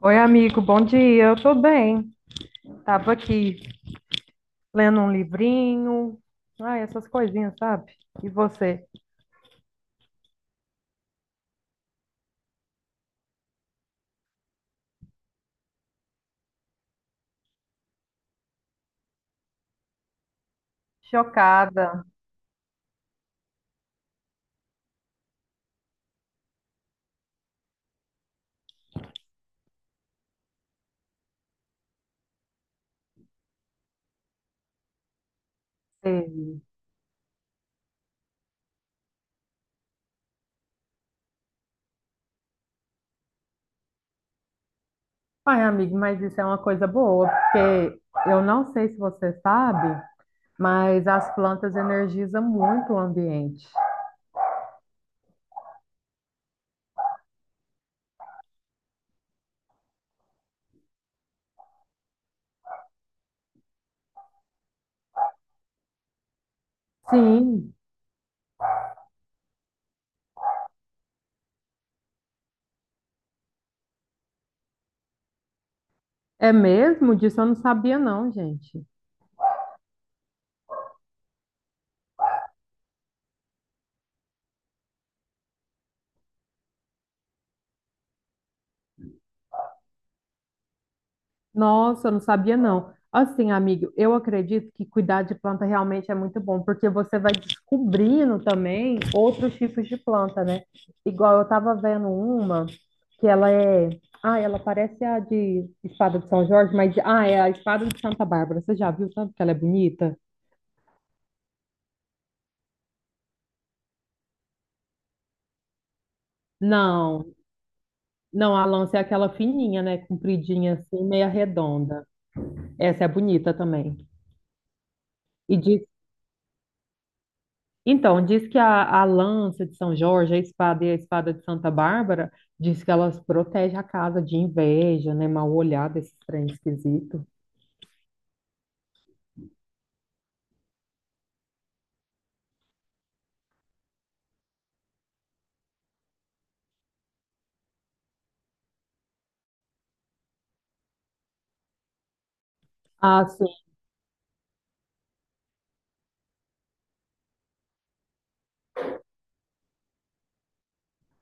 Oi, amigo, bom dia. Eu tô bem. Tava aqui lendo um livrinho, ai, essas coisinhas, sabe? E você? Chocada. Ei. Ai, amigo, mas isso é uma coisa boa, porque eu não sei se você sabe, mas as plantas energizam muito o ambiente. Sim, é mesmo? Disso eu não sabia, não, gente. Nossa, eu não sabia não. Assim, amigo, eu acredito que cuidar de planta realmente é muito bom, porque você vai descobrindo também outros tipos de planta, né? Igual eu tava vendo uma que ela é, ah, ela parece a de espada de São Jorge, mas ah, é a espada de Santa Bárbara. Você já viu tanto que ela é bonita? Não, não, a lança é aquela fininha, né? Compridinha assim, meia redonda. Essa é bonita também. Então, diz que a lança de São Jorge, a espada e a espada de Santa Bárbara, diz que elas protegem a casa de inveja, né? Mal olhada, esse trem esquisito. Ah, sim.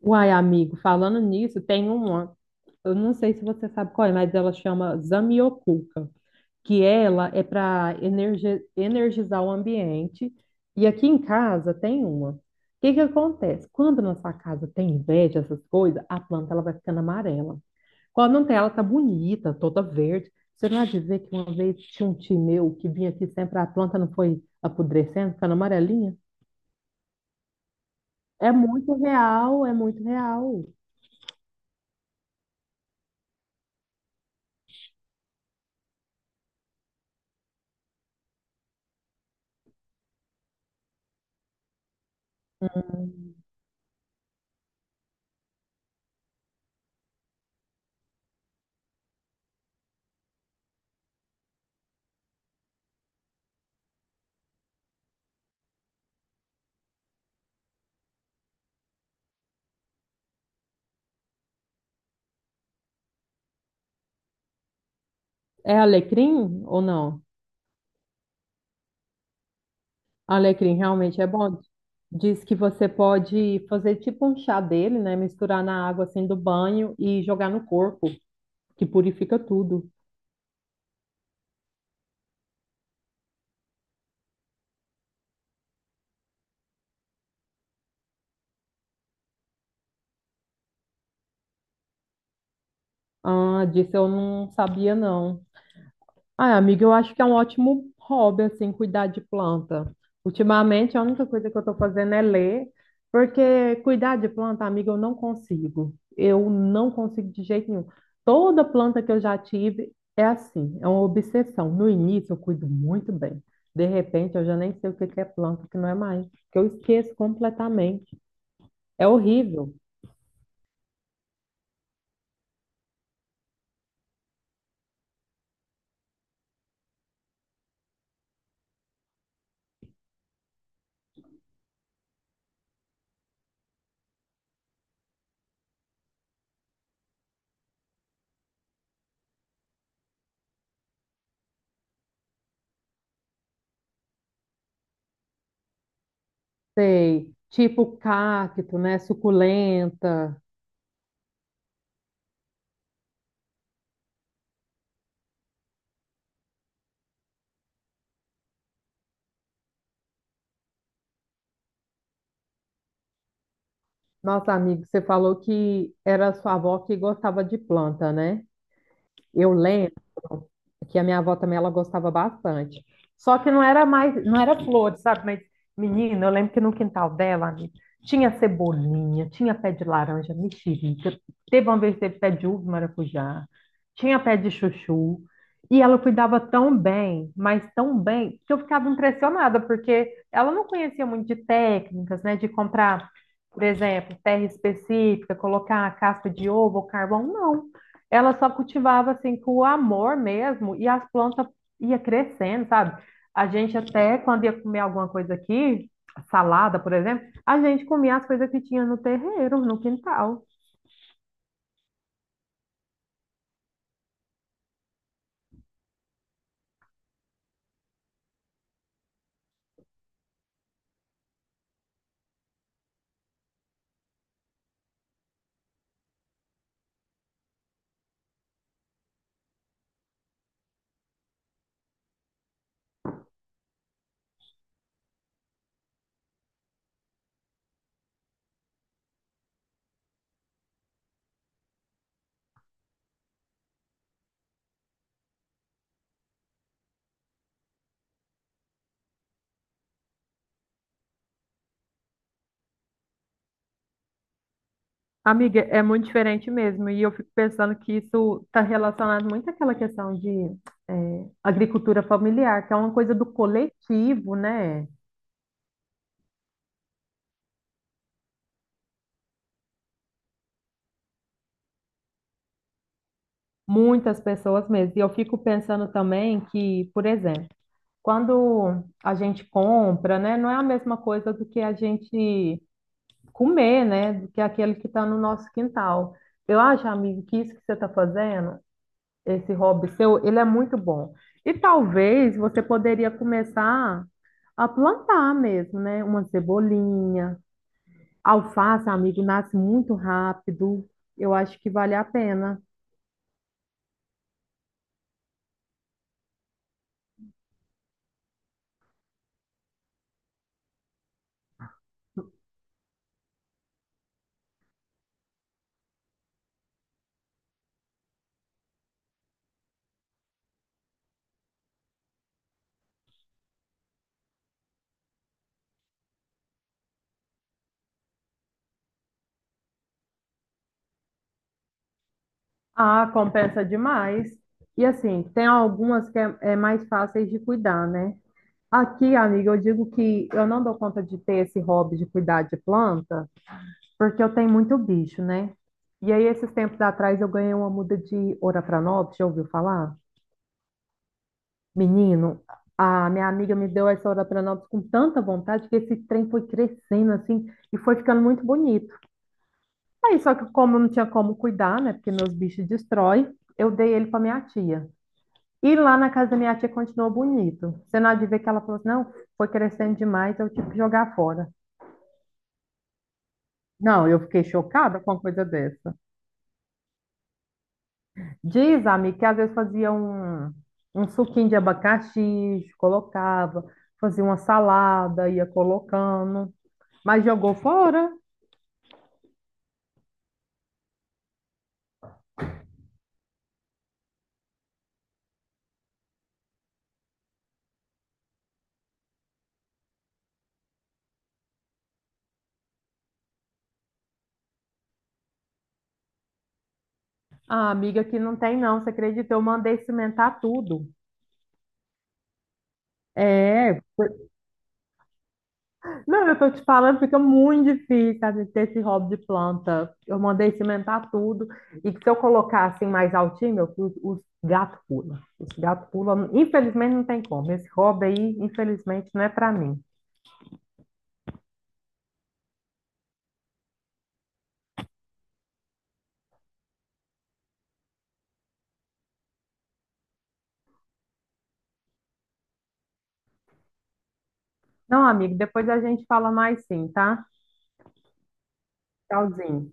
Uai, amigo, falando nisso, tem uma, eu não sei se você sabe qual é, mas ela chama Zamioculca, que ela é para energizar o ambiente. E aqui em casa tem uma. O que que acontece? Quando na sua casa tem inveja, essas coisas, a planta ela vai ficando amarela. Quando não tem, ela tá bonita, toda verde. Você não há de ver que uma vez tinha um tio meu que vinha aqui sempre, a planta não foi apodrecendo, ficando amarelinha? É muito real, é muito real. É alecrim ou não? Alecrim realmente é bom. Diz que você pode fazer tipo um chá dele, né? Misturar na água assim do banho e jogar no corpo, que purifica tudo. Ah, disso eu não sabia não. Ah, amiga, eu acho que é um ótimo hobby, assim, cuidar de planta. Ultimamente, a única coisa que eu estou fazendo é ler, porque cuidar de planta, amiga, eu não consigo. Eu não consigo de jeito nenhum. Toda planta que eu já tive é assim, é uma obsessão. No início, eu cuido muito bem. De repente, eu já nem sei o que que é planta, o que não é mais, que eu esqueço completamente. É horrível. Sei, tipo cacto, né, suculenta. Nossa, amigo, você falou que era sua avó que gostava de planta, né? Eu lembro que a minha avó também ela gostava bastante. Só que não era mais, não era flores, sabe? Mas, menina, eu lembro que no quintal dela, amiga, tinha cebolinha, tinha pé de laranja, mexerica, teve uma vez que teve pé de uva, e maracujá, tinha pé de chuchu. E ela cuidava tão bem, mas tão bem, que eu ficava impressionada, porque ela não conhecia muito de técnicas, né? De comprar, por exemplo, terra específica, colocar a casca de ovo ou carvão, não, ela só cultivava assim com o amor mesmo e as plantas ia crescendo, sabe? A gente até quando ia comer alguma coisa aqui, salada, por exemplo, a gente comia as coisas que tinha no terreiro, no quintal. Amiga, é muito diferente mesmo, e eu fico pensando que isso está relacionado muito àquela questão de agricultura familiar, que é uma coisa do coletivo, né? Muitas pessoas mesmo. E eu fico pensando também que, por exemplo, quando a gente compra, né, não é a mesma coisa do que a gente comer, né, do que aquele que está no nosso quintal. Eu acho, amigo, que isso que você está fazendo, esse hobby seu, ele é muito bom. E talvez você poderia começar a plantar mesmo, né, uma cebolinha, alface, amigo, nasce muito rápido. Eu acho que vale a pena. Ah, compensa demais. E assim, tem algumas que é mais fáceis de cuidar, né? Aqui, amiga, eu digo que eu não dou conta de ter esse hobby de cuidar de planta, porque eu tenho muito bicho, né? E aí, esses tempos atrás, eu ganhei uma muda de Oropranápolis, já ouviu falar? Menino, a minha amiga me deu essa Oropranápolis com tanta vontade que esse trem foi crescendo assim e foi ficando muito bonito. Aí, só que como eu não tinha como cuidar, né? Porque meus bichos destroem, eu dei ele para minha tia. E lá na casa da minha tia continuou bonito. Você não há de ver que ela falou assim, não, foi crescendo demais, eu tive que jogar fora. Não, eu fiquei chocada com uma coisa dessa. Diz, amiga, que às vezes fazia um, um suquinho de abacaxi, colocava, fazia uma salada, ia colocando, mas jogou fora. Ah, amiga, que não tem não, você acredita? Eu mandei cimentar tudo. É. Não, eu tô te falando, fica muito difícil, sabe, ter esse hobby de planta. Eu mandei cimentar tudo. E que se eu colocar assim mais altinho, meu, os gatos pulam. Os gatos pulam. Infelizmente não tem como. Esse hobby aí, infelizmente, não é pra mim. Não, amigo, depois a gente fala mais sim, tá? Tchauzinho.